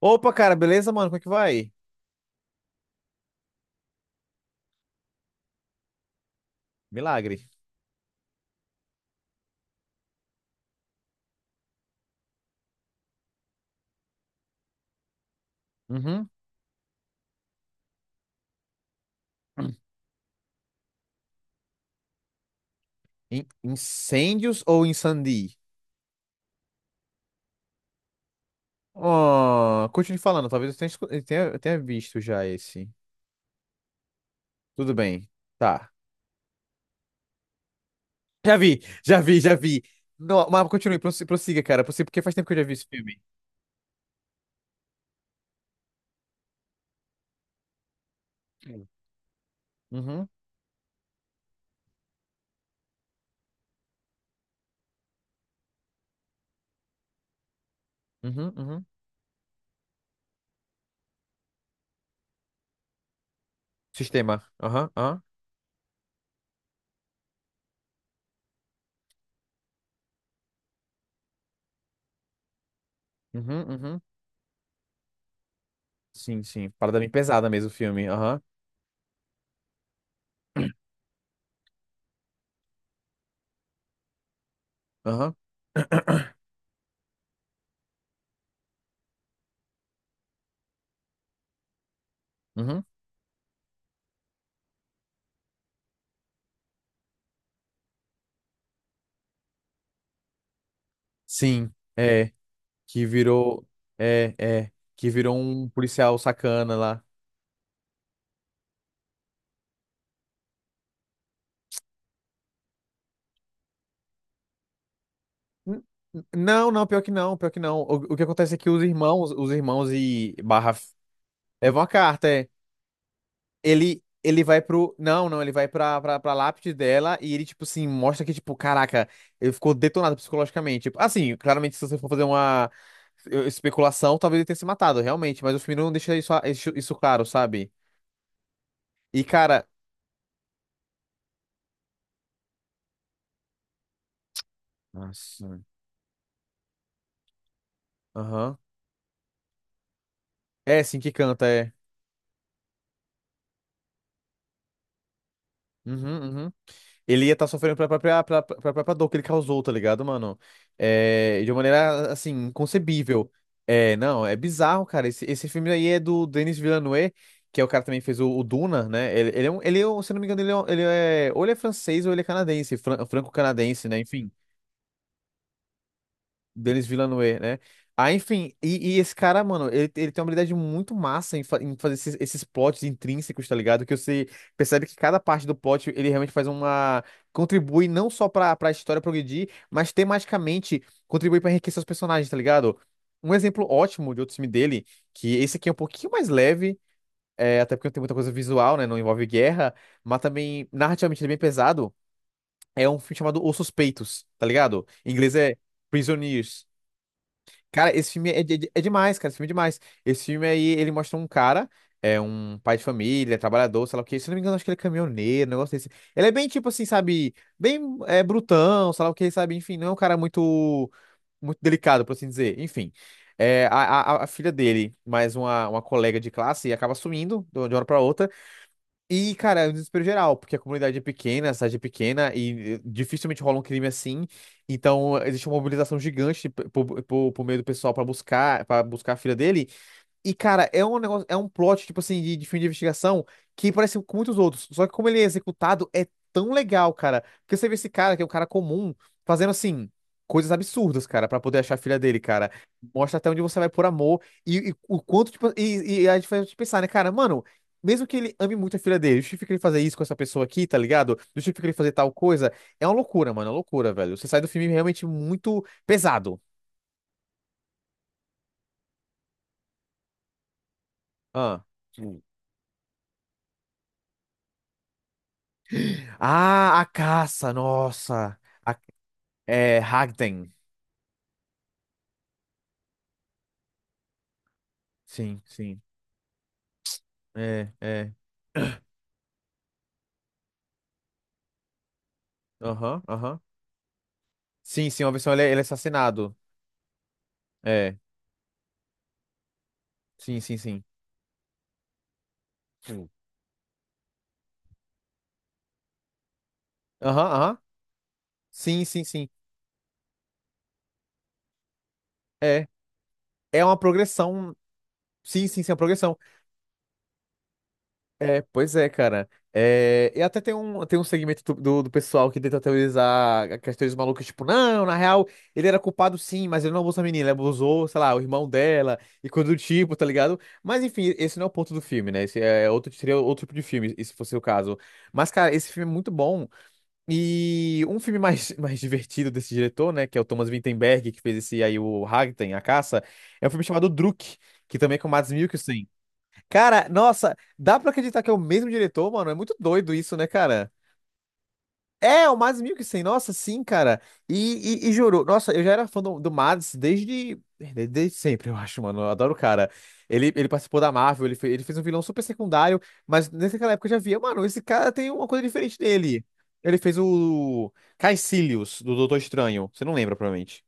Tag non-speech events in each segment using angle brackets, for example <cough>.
Opa, cara, beleza, mano? Como é que vai? Milagre. Uhum. Incêndios ou Incendi? Oh, continue falando, talvez eu tenha, escu- eu tenha visto já esse. Tudo bem, tá. Já vi, já vi, já vi. No, mas continue, prossiga, cara, prossiga, porque faz tempo que eu já vi esse filme. Uhum, uhum, uhum. Sistema. Aham, aham. Uhum, uhum. Sim, sim. Parada bem pesada mesmo o filme. Aham, aham. Uhum. Sim. É. Que virou. É, é. Que virou um policial sacana lá. N- Não, não, pior que não, pior que não. O que acontece é que os irmãos, levam a carta, é. Ele vai pro. Não, não, ele vai pra lápide dela e ele, tipo assim, mostra que, tipo, caraca, ele ficou detonado psicologicamente. Tipo, assim, claramente, se você for fazer uma especulação, talvez ele tenha se matado, realmente, mas o filme não deixa isso claro, sabe? E, cara. Nossa. Aham. É, sim, que canta, é. Uhum, uhum. Ele ia estar sofrendo pela própria dor que ele causou, tá ligado, mano? É, de uma maneira, assim, inconcebível. É, não, é bizarro, cara. Esse filme aí é do Denis Villeneuve, que é o cara que também fez o Duna, né? Se não me engano, ele é, um- ele é- ou ele é francês ou ele é canadense, franco-canadense, né? Enfim. Denis Villeneuve, né? Ah, enfim, e esse cara, mano, ele tem uma habilidade muito massa em fazer esses, esses plots intrínsecos, tá ligado? Que você percebe que cada parte do plot ele realmente faz uma. Contribui não só pra história progredir, mas tematicamente contribui pra enriquecer os personagens, tá ligado? Um exemplo ótimo de outro filme dele, que esse aqui é um pouquinho mais leve, até porque não tem muita coisa visual, né? Não envolve guerra, mas também narrativamente ele é bem pesado. É um filme chamado Os Suspeitos, tá ligado? Em inglês é Prisoners. Cara, esse filme é demais, cara. Esse filme é demais. Esse filme aí, ele mostra um cara, é um pai de família, trabalhador, sei lá o quê. Se eu não me engano, acho que ele é caminhoneiro, um negócio desse. Ele é bem, tipo assim, sabe? Bem brutão, sei lá o quê, sabe? Enfim, não é um cara muito, muito delicado, por assim dizer. Enfim, a, a filha dele, mais uma colega de classe, acaba sumindo de uma hora pra outra. E, cara, é um desespero geral, porque a comunidade é pequena, a cidade é pequena e dificilmente rola um crime assim. Então, existe uma mobilização gigante tipo, por meio do pessoal para buscar a filha dele. E, cara, é um negócio, é um plot, tipo assim, de filme de investigação que parece com muitos outros. Só que como ele é executado, é tão legal, cara. Porque você vê esse cara, que é um cara comum, fazendo assim, coisas absurdas, cara, pra poder achar a filha dele, cara. Mostra até onde você vai por amor e o quanto, tipo, e a gente faz a gente pensar, né, cara, mano. Mesmo que ele ame muito a filha dele, justifica ele fazer isso com essa pessoa aqui, tá ligado? Justifica ele fazer tal coisa. É uma loucura, mano, é uma loucura, velho. Você sai do filme realmente muito pesado. Ah. Ah, a caça, nossa. A- Hagden. Sim, sim. É, é. Aham, aham. Sim, sim, uma versão ele é assassinado. É, sim, sim, sim. Sim. Aham, aham. Sim, sim, sim. É. É uma progressão. Sim, sim, sim, é uma progressão. É, pois é, cara. É, e até tem um, segmento do pessoal que tenta teorizar aquelas teorias malucas, tipo, não, na real, ele era culpado sim, mas ele não abusou a menina, ele abusou, sei lá, o irmão dela e coisa do tipo, tá ligado? Mas enfim, esse não é o ponto do filme, né? Esse é outro, seria outro tipo de filme, se fosse o caso. Mas, cara, esse filme é muito bom. E um filme mais, <laughs> mais divertido desse diretor, né, que é o Thomas Vinterberg, que fez esse aí, o Ragtime, A Caça, é um filme chamado Druk, que também é com o Mads Mikkelsen. Cara, nossa, dá pra acreditar que é o mesmo diretor, mano? É muito doido isso, né, cara? É, é o Mads Mikkelsen, nossa, sim, cara. E juro, nossa, eu já era fã do Mads desde sempre, eu acho, mano. Eu adoro o cara. Ele participou da Marvel, ele fez um vilão super secundário, mas naquela época eu já via, mano, esse cara tem uma coisa diferente dele. Ele fez o Caecilius, do Doutor Estranho. Você não lembra, provavelmente.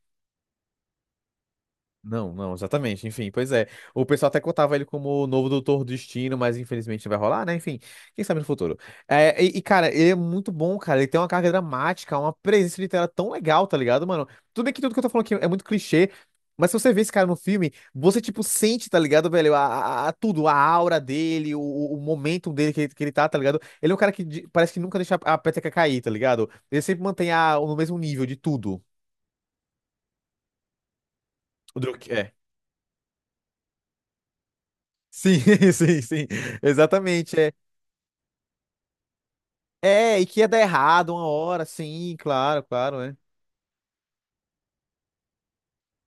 Não, não, exatamente. Enfim, pois é. O pessoal até contava ele como o novo Doutor Destino, mas infelizmente não vai rolar, né? Enfim, quem sabe no futuro. É, e cara, ele é muito bom, cara. Ele tem uma carga dramática, uma presença literária tão legal, tá ligado, mano? Tudo bem que tudo que eu tô falando aqui é muito clichê, mas se você vê esse cara no filme, você, tipo, sente, tá ligado, velho? Tudo, a aura dele, o momento dele que ele tá, tá ligado? Ele é um cara que parece que nunca deixa a peteca cair, tá ligado? Ele sempre mantém no mesmo nível de tudo. O Druk, é. Sim, <laughs> sim, sim. Exatamente, é. É, e que ia dar errado uma hora, sim, claro, claro, é.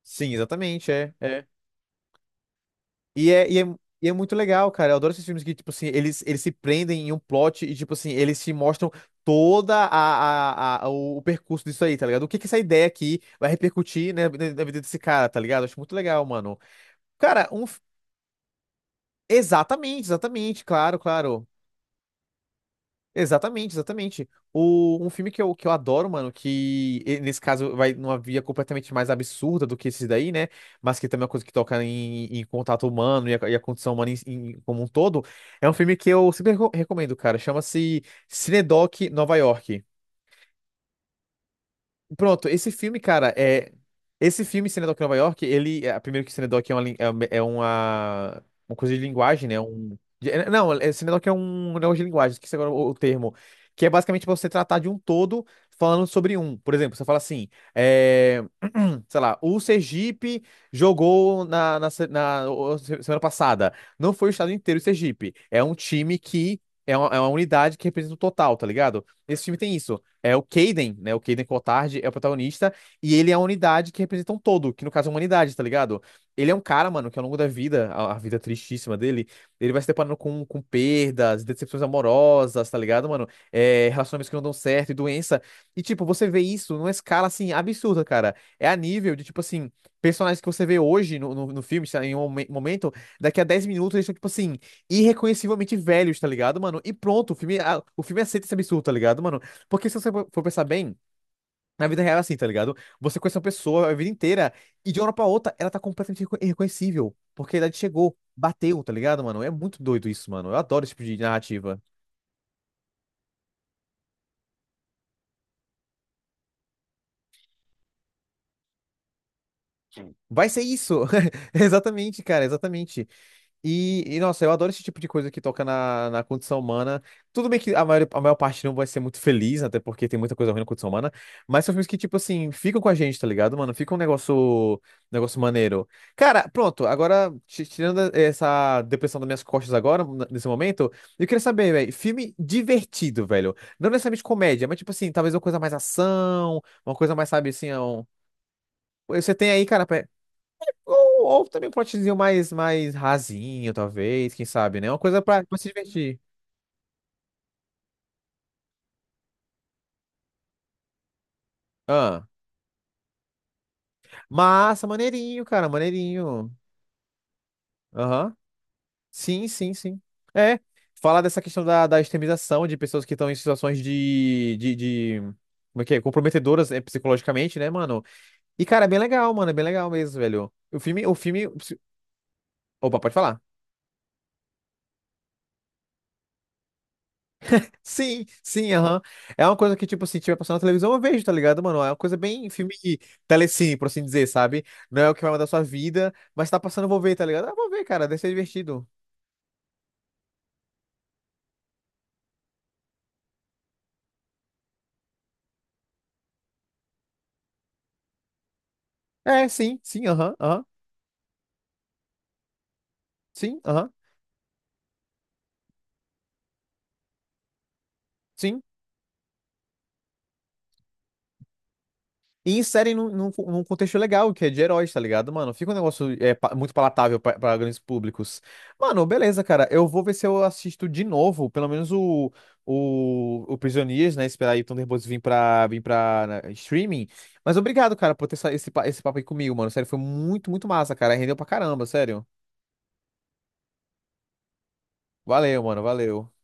Sim, exatamente, é, é. E é, e é, e é muito legal, cara. Eu adoro esses filmes que, tipo assim, eles se prendem em um plot e, tipo assim, eles te mostram toda a- o percurso disso aí, tá ligado? O que que essa ideia aqui vai repercutir, né, na vida desse cara, tá ligado? Acho muito legal, mano. Cara. Exatamente, exatamente, claro, claro. Exatamente, exatamente. Um filme que eu adoro, mano, nesse caso vai numa via completamente mais absurda do que esse daí, né? Mas que também é uma coisa que toca em contato humano e a condição humana em como um todo. É um filme que eu sempre recomendo, cara. Chama-se Cinedoc Nova York. Pronto, esse filme, cara, é. Esse filme, Cinedoc Nova York, Primeiro que Cinedoc é uma, coisa de linguagem, né? Não, Cinedoc é um negócio de linguagem, esqueci agora o termo. Que é basicamente pra você tratar de um todo falando sobre um. Por exemplo, você fala assim, é, <clears throat> sei lá, o Sergipe jogou na semana passada. Não foi o estado inteiro o Sergipe. É um time que. É uma unidade que representa o total, tá ligado? Esse filme tem isso. É o Caden, né? O Caden Cotard é o protagonista e ele é a unidade que representa um todo, que no caso é a humanidade, tá ligado? Ele é um cara, mano, que ao longo da vida, a vida tristíssima dele, ele vai se deparando com perdas, decepções amorosas, tá ligado, mano? É, relacionamentos que não dão certo e doença. E, tipo, você vê isso numa escala, assim, absurda, cara. É a nível de, tipo assim, personagens que você vê hoje no filme, sei lá, em um momento, daqui a 10 minutos eles são, tipo assim, irreconhecivelmente velhos, tá ligado, mano? E pronto, o filme aceita esse absurdo, tá ligado, mano? Porque se você for pensar bem, na vida real é assim, tá ligado? Você conhece uma pessoa a vida inteira e de uma hora pra outra ela tá completamente irreconhecível. Porque a idade chegou, bateu, tá ligado, mano? É muito doido isso, mano. Eu adoro esse tipo de narrativa. Vai ser isso! <laughs> Exatamente, cara, exatamente. E, nossa, eu adoro esse tipo de coisa que toca na condição humana. Tudo bem que a maior parte não vai ser muito feliz, até porque tem muita coisa ruim na condição humana, mas são filmes que, tipo assim, ficam com a gente, tá ligado, mano? Fica um negócio maneiro. Cara, pronto, agora, tirando essa depressão das minhas costas agora, nesse momento, eu queria saber, velho, filme divertido, velho. Não necessariamente comédia, mas, tipo assim, talvez uma coisa mais ação, uma coisa mais, sabe, assim. Você tem aí, cara, ou também um plotzinho mais, mais rasinho, talvez, quem sabe, né? Uma coisa pra se divertir. Ah. Massa, maneirinho, cara, maneirinho. Aham. Sim, sim, sim. É. Falar dessa questão da extremização de pessoas que estão em situações Como é que é? Comprometedoras, psicologicamente, né, mano? E, cara, é bem legal, mano. É bem legal mesmo, velho. O filme. Opa, pode falar. Sim, sim, aham. É uma coisa que, tipo, assim tiver passando na televisão, eu vejo, tá ligado, mano? É uma coisa bem filme telecine, por assim dizer, sabe? Não é o que vai mudar a sua vida, mas tá passando, eu vou ver, tá ligado? Ah, vou ver, cara, deve ser divertido. É, sim, sim, aham, aham, sim, aham, sim. E inserem num contexto legal, que é de heróis, tá ligado, mano? Fica um negócio muito palatável pra grandes públicos. Mano, beleza, cara. Eu vou ver se eu assisto de novo, pelo menos o, o Prisioneiros, né? Esperar aí o Thunderbolts vir pra, vir pra, né, streaming. Mas obrigado, cara, por ter essa- esse papo aí comigo, mano. Sério, foi muito, muito massa, cara. Rendeu pra caramba, sério. Valeu, mano, valeu.